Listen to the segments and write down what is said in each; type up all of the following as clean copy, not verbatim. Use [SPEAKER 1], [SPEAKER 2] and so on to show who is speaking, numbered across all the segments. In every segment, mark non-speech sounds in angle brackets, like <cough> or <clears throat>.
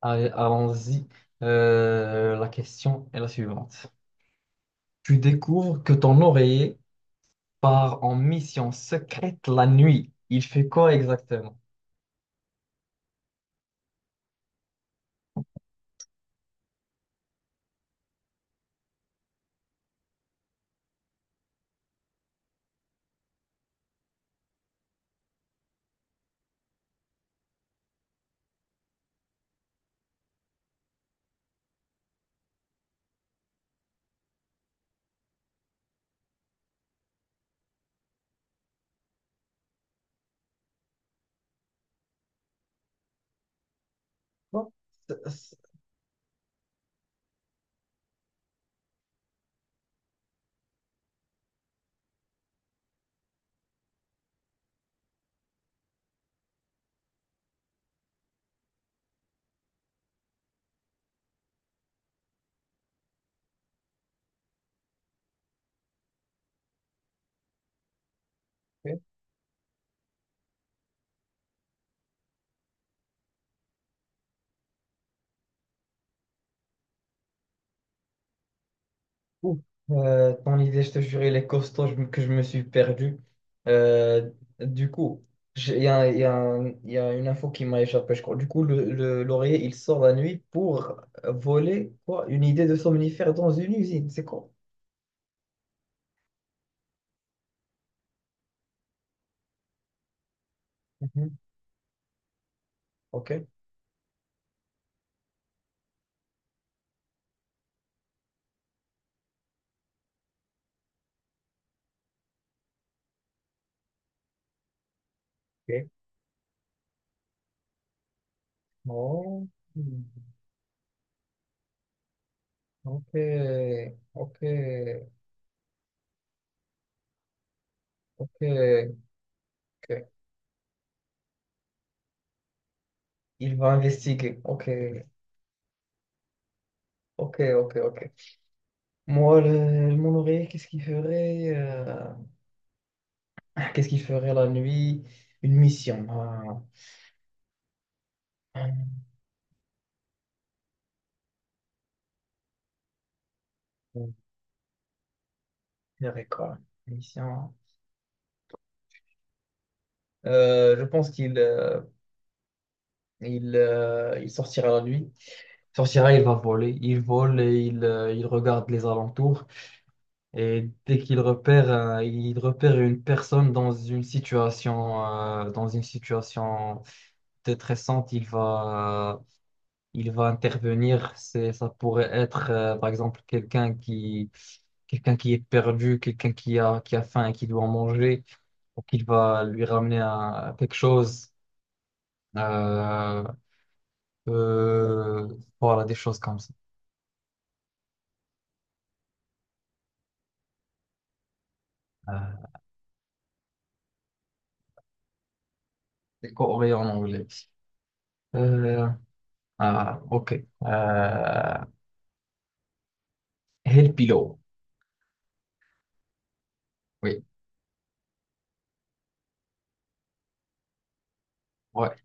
[SPEAKER 1] Allez, allons-y. La question est la suivante. Tu découvres que ton oreiller part en mission secrète la nuit. Il fait quoi exactement? Bon, c'est- c'est- ok. Ouh. Ton idée, je te jure, il est costaud que je me suis perdu. Euh, du coup, il y a il y a une info qui m'a échappé, je crois. Du coup, l'oreiller, il sort la nuit pour voler quoi? Une idée de somnifère dans une usine. C'est quoi? Mhm. Ok. Ok. Oh, ok, ok, ok, ok. Il va investiguer. Ok, ok, ok, ok. Moi, mon oreiller, qu'est-ce qu'il ferait <clears throat> qu'est-ce qu'il ferait la nuit? Une mission. Ah. Il ferait quoi? Une mission. Je pense qu'il il sortira la nuit. Il sortira, il va voler. Il vole et il regarde les alentours. Et dès qu'il repère, il repère une personne dans une situation détressante, il va intervenir. Ça pourrait être, par exemple, quelqu'un qui est perdu, qui a faim et qui doit manger, donc il va lui ramener quelque chose. Euh, euh, voilà, des choses comme ça. Euh, des coréens en anglais. Euh, ah, ok. Euh, Helpilo. Oui, ouais.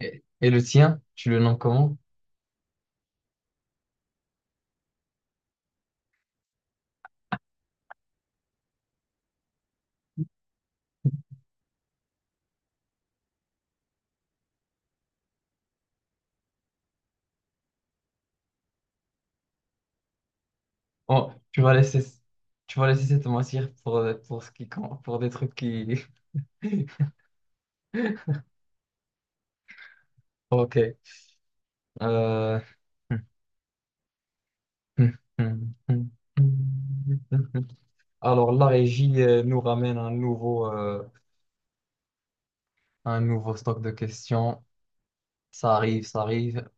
[SPEAKER 1] Et le tien, tu le nommes comment? Oh, tu vas laisser cette matière pour ce qui compte, pour des trucs qui. <laughs> Ok. Euh, alors, la régie nous ramène un nouveau stock de questions. Ça arrive, ça arrive.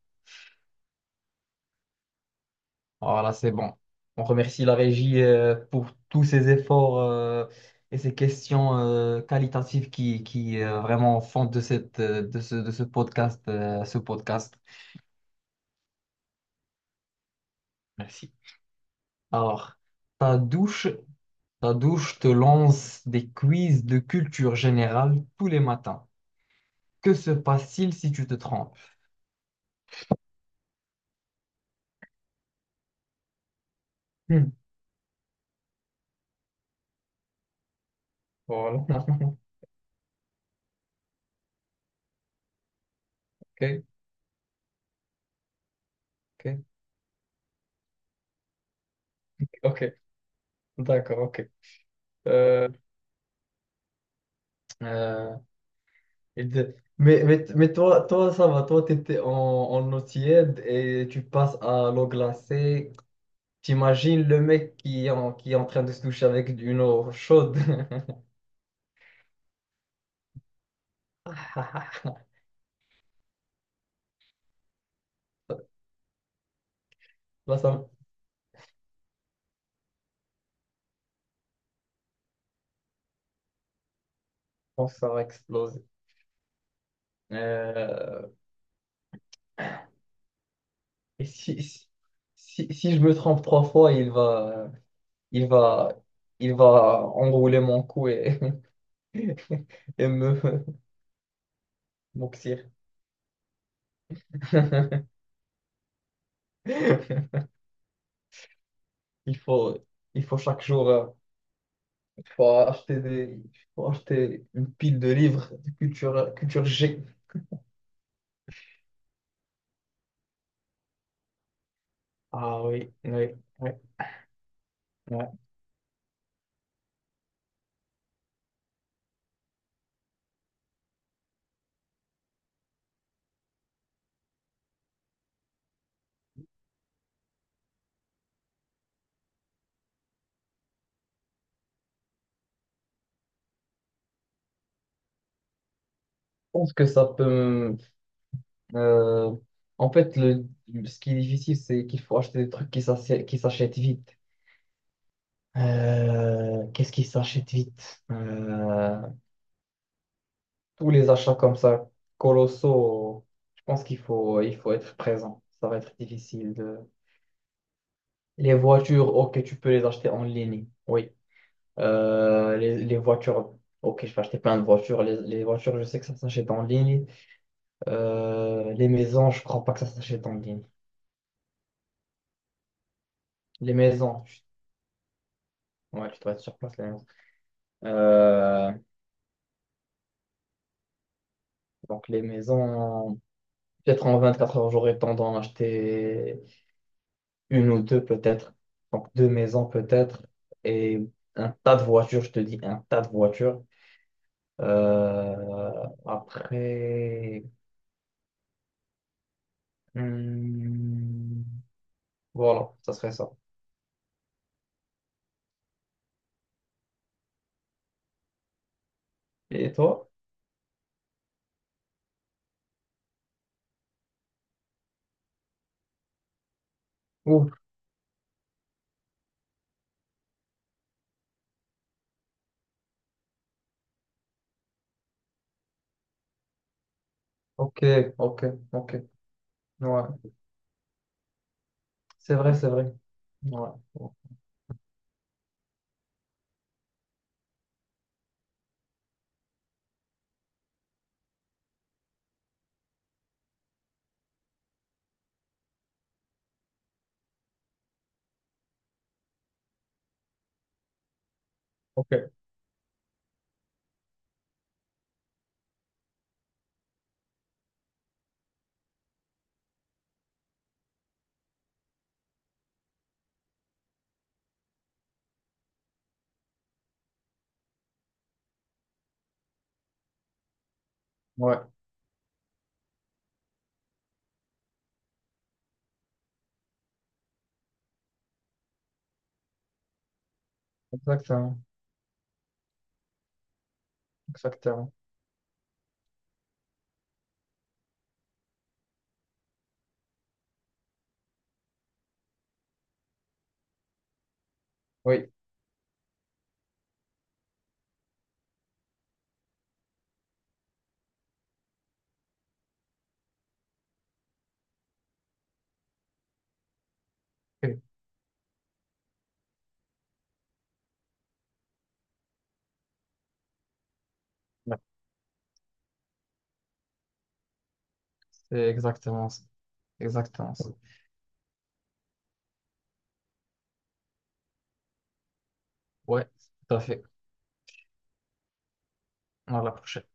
[SPEAKER 1] Voilà, c'est bon. On remercie la régie pour tous ces efforts et ces questions qualitatives qui vraiment font de de ce podcast, ce podcast. Merci. Alors, ta douche, ta douche te lance des quiz de culture générale tous les matins. Que se passe-t-il si tu te trompes? Hmm. Voilà. <laughs> Ok, ok, ok. D'accord, ok. Euh, euh, mais toi, toi, ça va, toi, tu étais en eau tiède et tu passes à l'eau glacée. T'imagines le mec qui est en train de se toucher avec une eau chaude. <laughs> Là, ça, je pense que ça va exploser. Euh, et si je me trompe 3 fois, il va, il va enrouler mon cou et, <laughs> et me m'oxyre. <laughs> Il faut, il faut chaque jour. Faut acheter des, Faut acheter une pile de livres de culture, culture G. Ah oui, oui, oui, ouais. Je pense que ça peut. me- euh, en fait, le, Ce qui est difficile, c'est qu'il faut acheter des trucs qui s'achètent vite. Qu'est-ce qui s'achète vite? Tous les achats comme ça, colossaux, je pense il faut être présent. Ça va être difficile de… Les voitures, ok, tu peux les acheter en ligne. Oui. Les voitures, ok, je vais acheter plein de voitures. Les voitures, je sais que ça s'achète en ligne. Les maisons, je crois pas que ça s'achète en ligne. Les maisons, tu- ouais, tu dois être sur place, les maisons. Euh, donc, les maisons, peut-être en 24 heures, j'aurais tendance à acheter une ou deux, peut-être. Donc, 2 maisons, peut-être. Et un tas de voitures, je te dis, un tas de voitures. Après, hmm, voilà, ça serait ça. Et toi? Ouh, ok, ok, ok. Ouais, c'est vrai, c'est vrai. Ouais, ok, ouais, exactement, exactement. Oui, oui, ouais, c'est exactement ça. Exactement ça. Ouais, tout à fait. À la prochaine.